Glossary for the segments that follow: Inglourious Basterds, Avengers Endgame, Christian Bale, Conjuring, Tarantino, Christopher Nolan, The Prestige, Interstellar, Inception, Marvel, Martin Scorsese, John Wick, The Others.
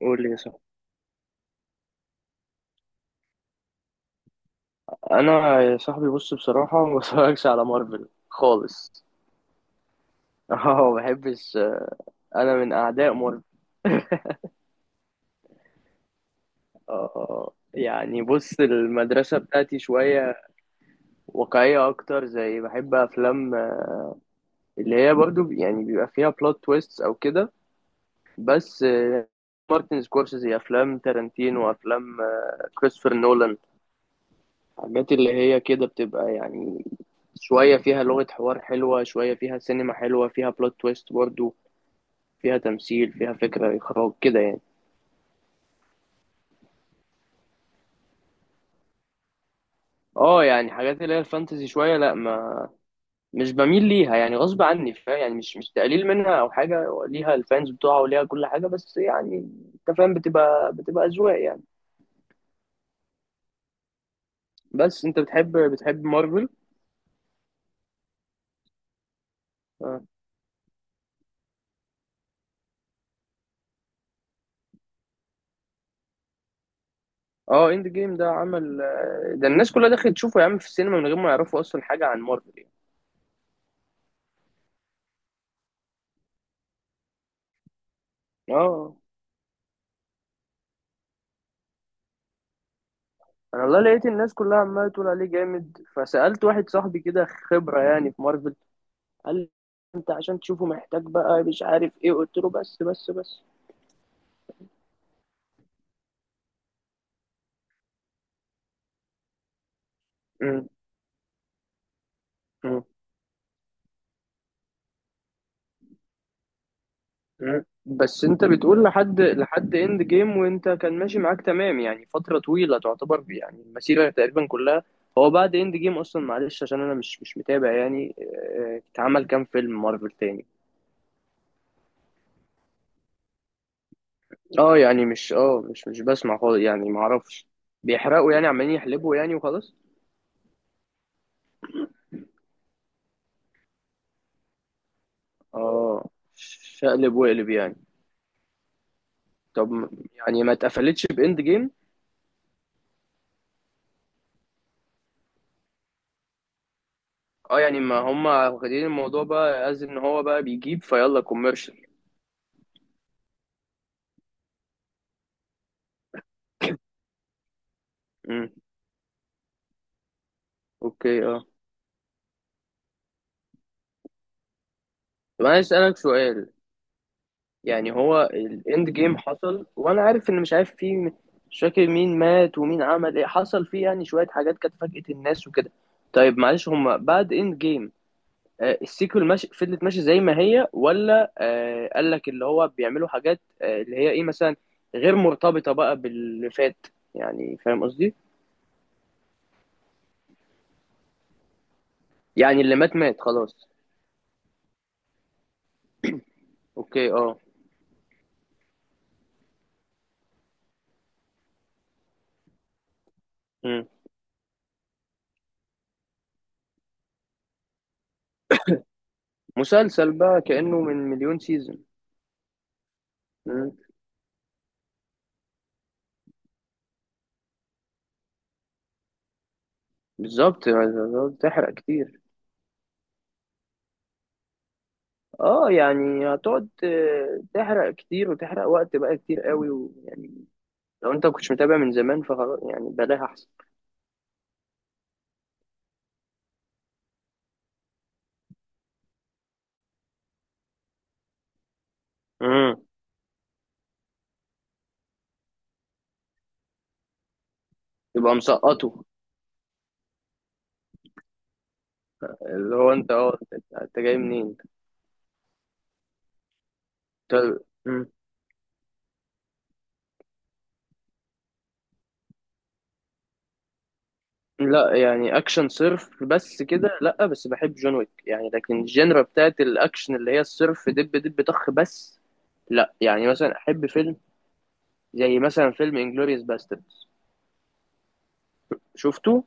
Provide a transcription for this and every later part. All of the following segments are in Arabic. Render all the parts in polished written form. قول لي يا صاحبي. انا يا صاحبي بص بصراحه ما بتفرجش على مارفل خالص. اه ما بحبش. انا من اعداء مارفل. اه يعني بص المدرسه بتاعتي شويه واقعيه اكتر، زي بحب افلام اللي هي برضو يعني بيبقى فيها بلوت تويست او كده، بس مارتن سكورسيزي، افلام تارانتينو، وافلام كريستوفر نولان. حاجات اللي هي كده بتبقى يعني شوية فيها لغة حوار حلوة، شوية فيها سينما حلوة، فيها بلوت تويست برضو، فيها تمثيل، فيها فكرة إخراج كده يعني. اه يعني حاجات اللي هي الفانتزي شوية، لا ما مش بميل ليها يعني غصب عني، فاهم، يعني مش تقليل منها أو حاجة، ليها الفانز بتوعها وليها كل حاجة، بس يعني أنت فاهم، بتبقى أذواق يعني. بس أنت بتحب مارفل. اه اه، اند جيم ده عمل ده الناس كلها دخلت تشوفه يا عم في السينما من غير ما يعرفوا أصلا حاجة عن مارفل يعني. اه. انا والله لقيت الناس كلها عماله تقول عليه جامد، فسألت واحد صاحبي كده خبرة يعني في مارفل، قال لي انت عشان تشوفه محتاج بقى مش عارف ايه، قلت له بس. مم. مم. بس انت بتقول لحد اند جيم وانت كان ماشي معاك تمام يعني فترة طويلة، تعتبر يعني المسيرة تقريبا كلها. هو بعد اند جيم اصلا، معلش عشان انا مش متابع يعني، اتعمل كام فيلم مارفل تاني؟ اه يعني مش اه مش مش بسمع خالص يعني ما اعرفش. بيحرقوا يعني، عمالين يحلبوا يعني وخلاص. اه، شقلب وقلب يعني. طب يعني ما اتقفلتش باند جيم؟ اه يعني ما هم واخدين الموضوع بقى از ان هو بقى بيجيب فيلا كوميرشال. امم. اوكي، اه. طب انا عايز اسالك سؤال. يعني هو الاند جيم حصل، وانا عارف ان مش عارف فيه، مش فاكر مين مات ومين عمل ايه، حصل فيه يعني شويه حاجات كانت فاجأت الناس وكده. طيب معلش، هم بعد اند جيم آه السيكول ماشي فضلت ماشي زي ما هي، ولا آه قال لك اللي هو بيعملوا حاجات آه اللي هي ايه مثلا غير مرتبطه بقى باللي فات؟ يعني فاهم قصدي. يعني اللي مات مات خلاص. اوكي اه. مم. مسلسل بقى كأنه من مليون سيزون. مم. بالظبط بالظبط، تحرق كتير. اه يعني هتقعد تحرق كتير وتحرق وقت بقى كتير قوي، ويعني لو انت كنتش متابع من زمان فخلاص يعني بلاها احسن. مم. تبقى مسقطه. اللي هو انت، اه انت أنت جاي منين انت. طب-. مم. لا يعني اكشن صرف بس كده لا، بس بحب جون ويك يعني، لكن الجينرا بتاعت الاكشن اللي هي الصرف دب دب طخ بس لا. يعني مثلا احب فيلم زي مثلا فيلم انجلوريوس باستردز. شفته؟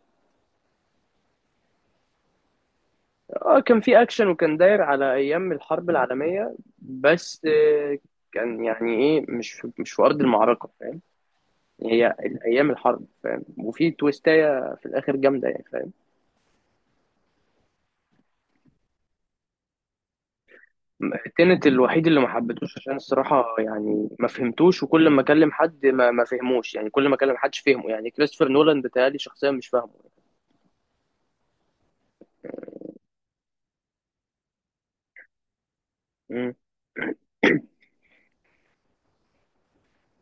اه كان فيه اكشن وكان داير على ايام الحرب العالميه بس كان يعني ايه مش في مش في ارض المعركه، فاهم، هي ايام الحرب، فاهم، وفي تويستايه في الاخر جامده يعني، فاهم. تنت الوحيد اللي ما حبيتهوش، عشان الصراحه يعني ما فهمتوش، وكل ما اكلم حد ما فهموش يعني، كل ما اكلم حدش فهمه يعني كريستوفر نولان بيتهيألي شخصيا مش فاهمه. مم.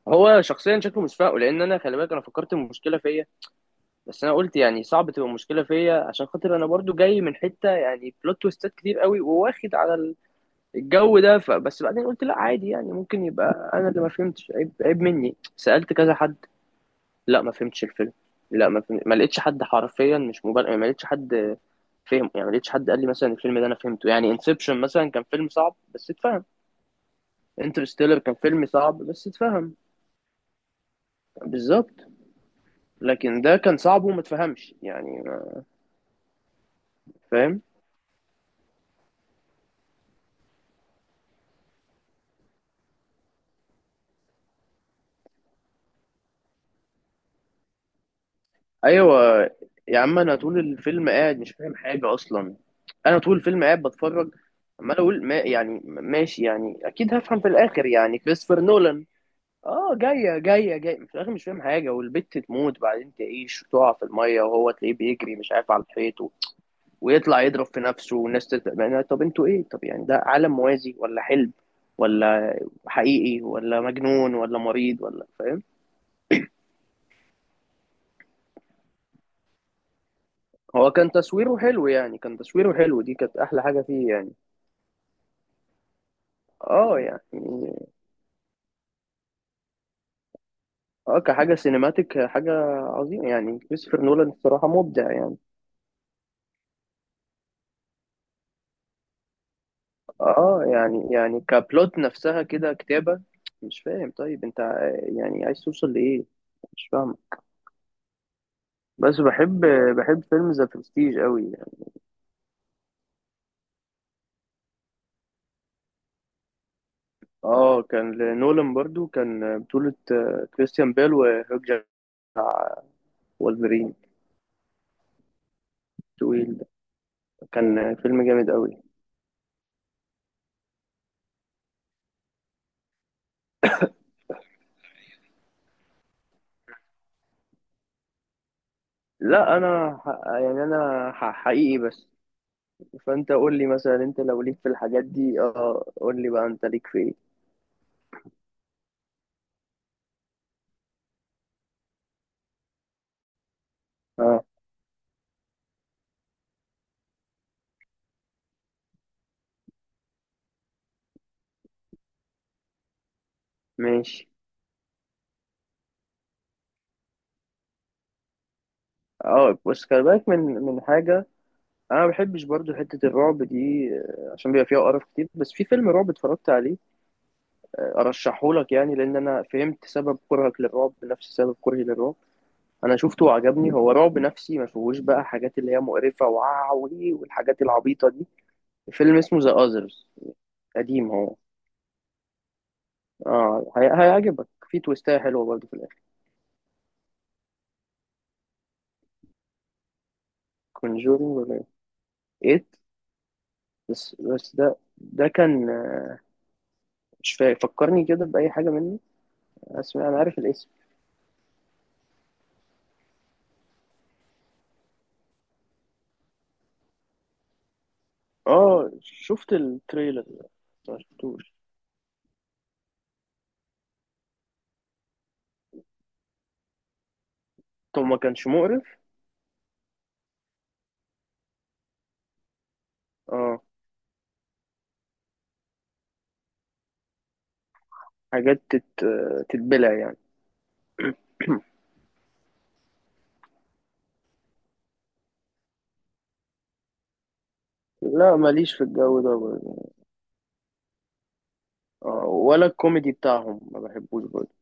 هو شخصيا شكله مش فاهمه، لان انا خلي بالك انا فكرت المشكله فيا، بس انا قلت يعني صعب تبقى مشكله فيا عشان خاطر انا برضو جاي من حته يعني بلوت تويستات كتير قوي، وواخد على الجو ده، فبس بعدين قلت لا عادي يعني ممكن يبقى انا اللي ما فهمتش، عيب عيب مني، سالت كذا حد، لا ما فهمتش الفيلم، لا ما فهم... ما لقيتش حد حرفيا مش مبالغ، ما لقيتش حد فهم يعني، ما لقيتش حد قال لي مثلا الفيلم ده انا فهمته يعني، انسبشن مثلا كان فيلم صعب بس اتفهم، انترستيلر كان فيلم صعب بس اتفهم، بالظبط، لكن ده كان صعب وما اتفهمش يعني. فاهم. ايوه. يا عم انا طول الفيلم قاعد مش فاهم حاجه اصلا. انا طول الفيلم قاعد بتفرج، عمال اقول ما يعني ماشي يعني اكيد هفهم في الاخر يعني كريستوفر نولان. اه جايه في الاخر مش فاهم حاجه، والبت تموت بعدين تعيش وتقع في الميه، وهو تلاقيه بيجري مش عارف على الحيط و-، ويطلع يضرب في نفسه والناس تت... يعني طب انتوا ايه، طب يعني ده عالم موازي ولا حلم ولا حقيقي ولا مجنون ولا مريض ولا فاهم. هو كان تصويره حلو يعني، كان تصويره حلو، دي كانت احلى حاجه فيه يعني. اه يعني. اه كحاجة سينماتيك، حاجة عظيمة يعني، كريستوفر نولان الصراحة مبدع يعني. اه يعني يعني كبلوت نفسها كده كتابة مش فاهم، طيب انت يعني عايز توصل لإيه، مش فاهم. بس بحب، بحب فيلم ذا برستيج قوي يعني. اه كان لنولان، برضو كان بطولة كريستيان بيل وهيوك جاك والبرين. طويل ده. كان فيلم جامد قوي. لا انا ح- يعني انا ح- حقيقي بس. فانت قول لي مثلا، انت لو ليك في الحاجات دي اه قول لي بقى انت ليك في ايه؟ اه، ماشي. اه بس خلي بالك من حاجه. انا ما بحبش برضو حته الرعب دي عشان بيبقى فيها قرف كتير، بس في فيلم رعب اتفرجت عليه ارشحه لك يعني لان انا فهمت سبب كرهك للرعب نفس سبب كرهي للرعب. انا شفته وعجبني، هو رعب نفسي ما فيهوش بقى حاجات اللي هي مقرفه وعوي والحاجات العبيطه دي. فيلم اسمه ذا اذرز، قديم هو. اه، هي- هيعجبك، في تويستايه حلوه برضو في الاخر. كونجورينج. 8. بس ده كان مش فاكر، فكرني كده بأي حاجة منه. اسمع انا عارف الاسم. اه شفت التريلر بس ما شفتوش. طب ما كانش مقرف؟ اه. حاجات تت... تتبلع يعني. لا ماليش في الجو ده برضه. اه، ولا الكوميدي بتاعهم ما بحبوش برضه.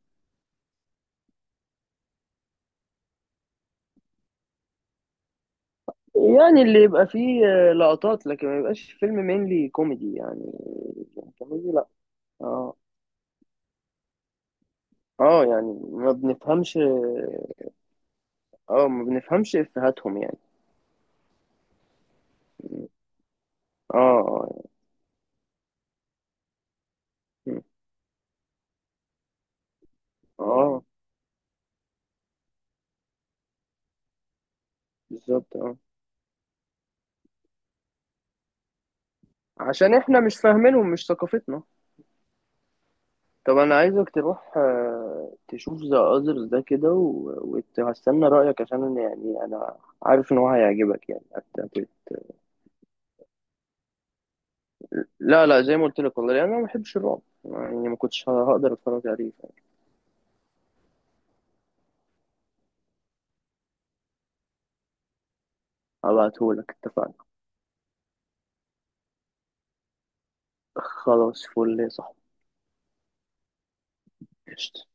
يعني اللي يبقى فيه لقطات لكن ما يبقاش فيلم مينلي كوميدي يعني. كوميدي لا. اه اه يعني ما بنفهمش. اه ما بنفهمش افهاتهم يعني. اه اه يعني. اه. بالظبط اه. عشان احنا مش فاهمينهم، مش ثقافتنا. طب انا عايزك تروح تشوف ذا اذرز ده كده و- وهستنى رايك، عشان أنا يعني انا عارف ان هو هيعجبك يعني هت- هت-. لا لا زي ما قلت لك والله يعني انا ما بحبش الرعب يعني ما كنتش هقدر اتفرج عليه. هبعتهولك، اتفقنا. خلاص، فل يا صاحبي. قشطة.